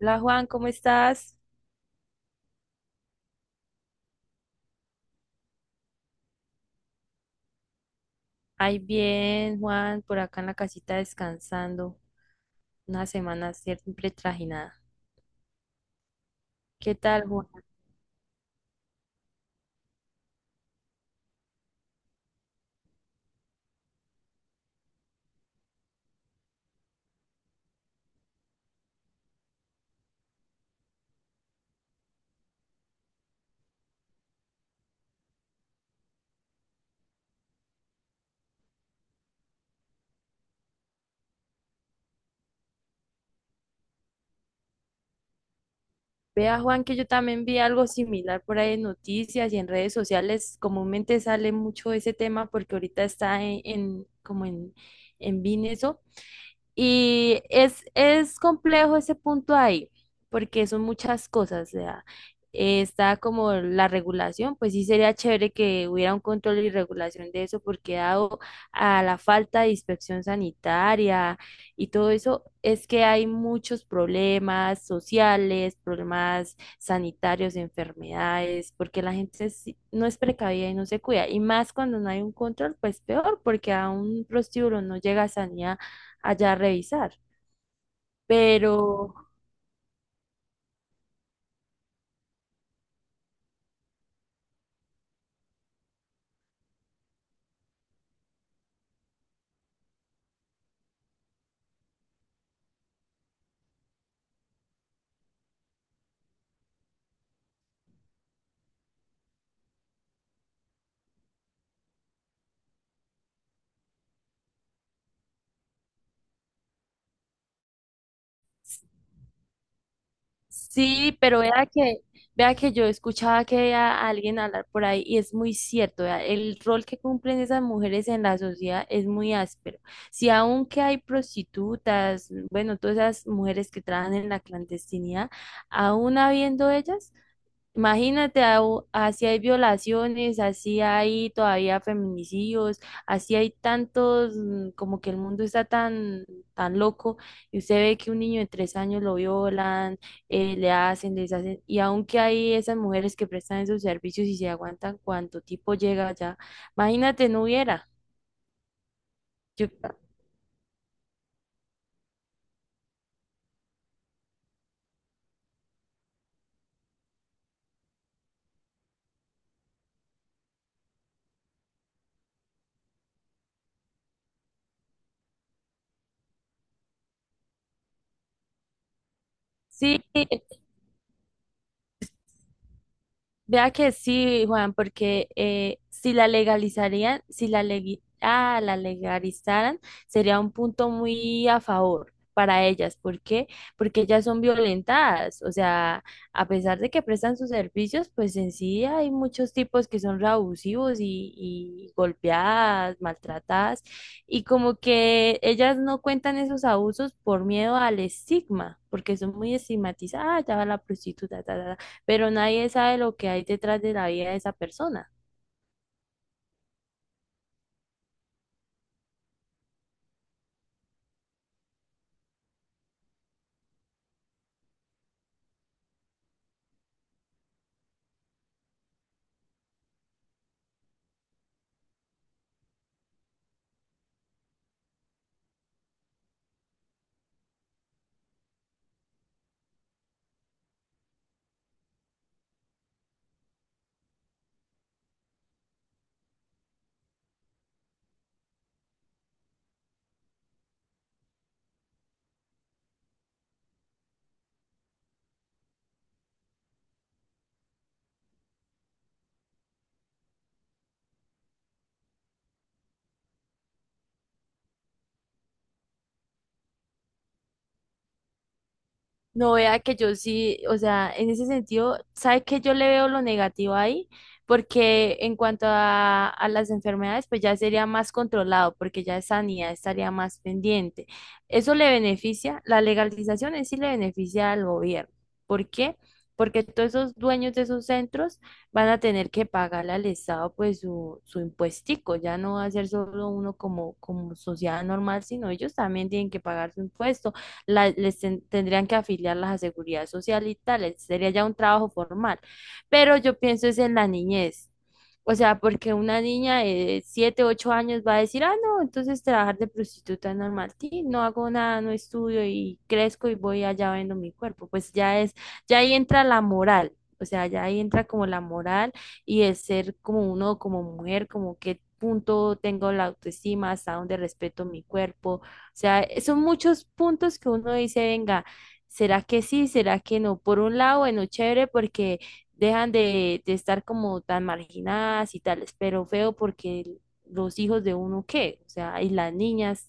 Hola Juan, ¿cómo estás? Ay, bien, Juan, por acá en la casita descansando. Una semana siempre trajinada. ¿Qué tal, Juan? Vea, Juan, que yo también vi algo similar por ahí en noticias y en redes sociales. Comúnmente sale mucho ese tema porque ahorita está en VIN eso. Y es complejo ese punto ahí, porque son muchas cosas. O sea, está como la regulación, pues sí sería chévere que hubiera un control y regulación de eso, porque dado a la falta de inspección sanitaria y todo eso, es que hay muchos problemas sociales, problemas sanitarios, enfermedades, porque la gente sí- no es precavida y no se cuida. Y más cuando no hay un control, pues peor, porque a un prostíbulo no llega sanidad allá a revisar. Pero sí, pero vea que yo escuchaba que a alguien hablar por ahí y es muy cierto, vea, el rol que cumplen esas mujeres en la sociedad es muy áspero. Si aunque hay prostitutas, bueno, todas esas mujeres que trabajan en la clandestinidad, aún habiendo ellas, imagínate, au- así hay violaciones, así hay todavía feminicidios, así hay tantos, como que el mundo está tan loco y usted ve que un niño de 3 años lo violan, le hacen, les hacen, y aunque hay esas mujeres que prestan esos servicios y se aguantan cuánto tipo llega allá, imagínate, no hubiera. Yo, sí, vea que sí, Juan, porque si la legalizarían, si la, legui- ah, la legalizaran, sería un punto muy a favor para ellas. ¿Por qué? Porque ellas son violentadas. O sea, a pesar de que prestan sus servicios, pues en sí hay muchos tipos que son re abusivos y golpeadas, maltratadas. Y como que ellas no cuentan esos abusos por miedo al estigma, porque son muy estigmatizadas. Ah, ya va la prostituta, ta, ta, ta, pero nadie sabe lo que hay detrás de la vida de esa persona. No vea que yo sí, o sea, en ese sentido, ¿sabe que yo le veo lo negativo ahí? Porque en cuanto a las enfermedades, pues ya sería más controlado, porque ya sanidad estaría más pendiente. Eso le beneficia, la legalización en sí le beneficia al gobierno. ¿Por qué? Porque todos esos dueños de esos centros van a tener que pagarle al Estado pues su impuestico. Ya no va a ser solo uno como, como sociedad normal, sino ellos también tienen que pagar su impuesto, la- les ten- tendrían que afiliarlas a seguridad social y tal, sería ya un trabajo formal. Pero yo pienso es en la niñez. O sea, porque una niña de 7 8 años va a decir, ah, no, entonces trabajar de prostituta es normal, sí, no hago nada, no estudio y crezco y voy allá vendo mi cuerpo. Pues ya es, ya ahí entra la moral, o sea, ya ahí entra como la moral y el ser como uno, como mujer, como qué punto tengo la autoestima, hasta dónde respeto mi cuerpo, o sea, son muchos puntos que uno dice, venga, ¿será que sí? ¿Será que no? Por un lado, bueno, chévere porque dejan de estar como tan marginadas y tales, pero feo porque los hijos de uno, ¿qué? O sea, y las niñas.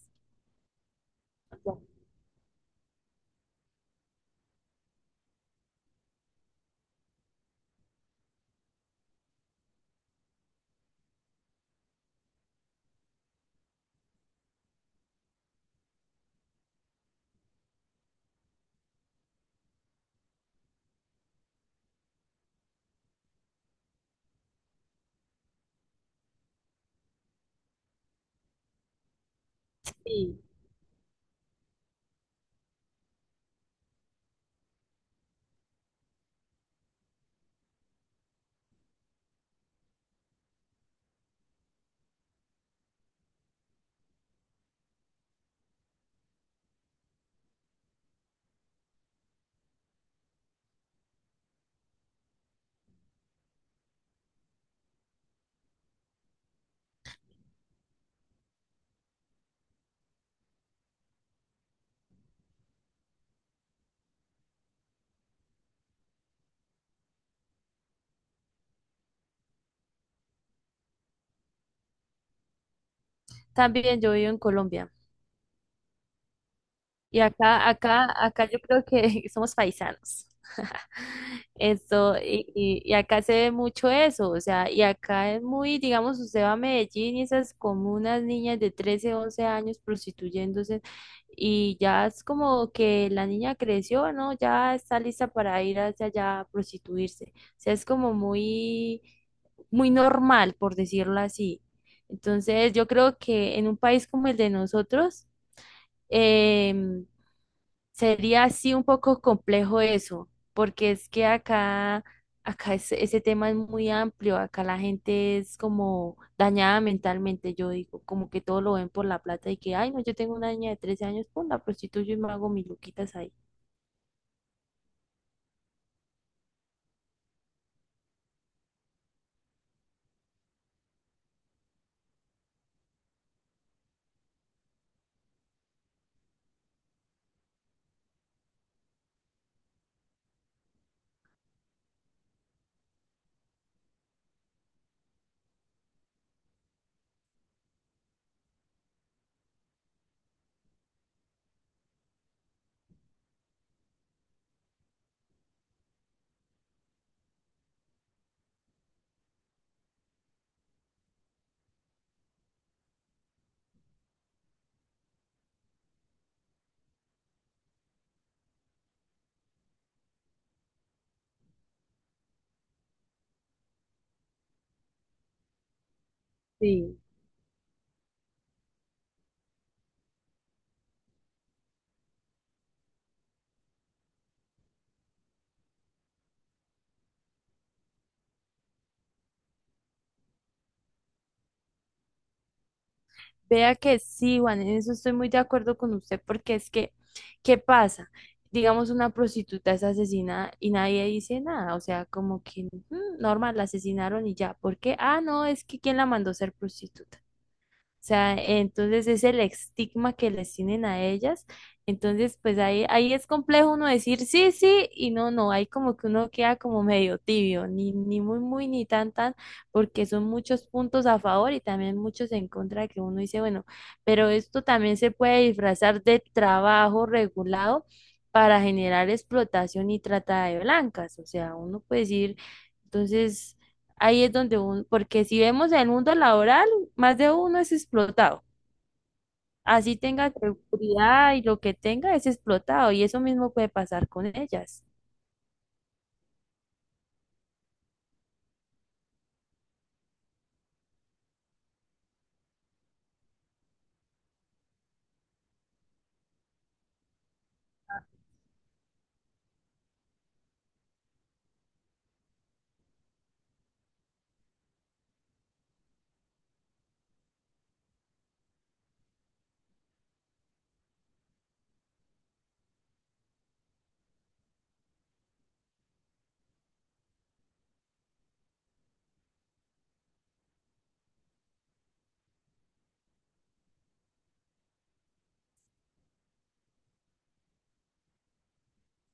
Sí. También yo vivo en Colombia. Y acá yo creo que somos paisanos. Esto, y acá se ve mucho eso, o sea, y acá es muy, digamos, usted va a Medellín y esas comunas niñas de 13 11 años prostituyéndose, y ya es como que la niña creció, ¿no? Ya está lista para ir hacia allá a prostituirse. O sea, es como muy, muy normal, por decirlo así. Entonces, yo creo que en un país como el de nosotros, em, sería así un poco complejo eso, porque es que acá, acá es- ese tema es muy amplio, acá la gente es como dañada mentalmente, yo digo, como que todo lo ven por la plata y que, ay, no, yo tengo una niña de 13 años, pum, la prostituyo y me hago mis luquitas ahí. Sí. Vea que sí, Juan, en eso estoy muy de acuerdo con usted, porque es que, ¿qué pasa? Digamos, una prostituta es asesinada y nadie dice nada, o sea, como que normal, la asesinaron y ya. ¿Por qué? Ah, no, es que ¿quién la mandó a ser prostituta? O sea, entonces es el estigma que les tienen a ellas. Entonces, pues ahí es complejo uno decir sí, sí y no, no. Hay como que uno queda como medio tibio, ni muy, muy, ni tan, tan, porque son muchos puntos a favor y también muchos en contra que uno dice, bueno, pero esto también se puede disfrazar de trabajo regulado para generar explotación y trata de blancas. O sea, uno puede decir, entonces, ahí es donde uno, porque si vemos el mundo laboral, más de uno es explotado. Así tenga seguridad y lo que tenga es explotado. Y eso mismo puede pasar con ellas.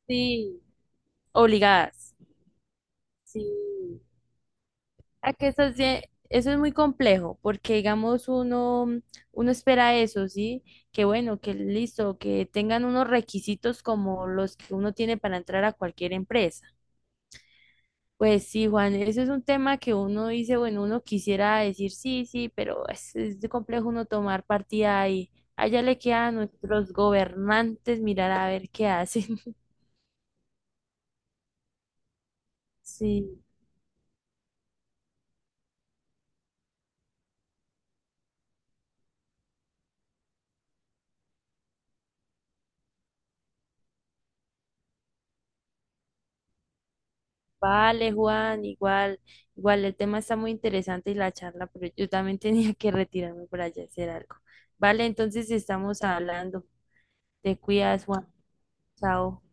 Sí, obligadas. Sí, a que eso, se- eso es muy complejo, porque digamos uno, uno espera eso, ¿sí? Que bueno, que listo, que tengan unos requisitos como los que uno tiene para entrar a cualquier empresa. Pues sí, Juan, eso es un tema que uno dice, bueno, uno quisiera decir sí, sí, pero es de complejo uno tomar partida ahí. Allá le queda a nuestros gobernantes mirar a ver qué hacen. Sí, vale, Juan, igual, igual el tema está muy interesante y la charla, pero yo también tenía que retirarme para allá a hacer algo. Vale, entonces estamos hablando. Te cuidas, Juan. Chao.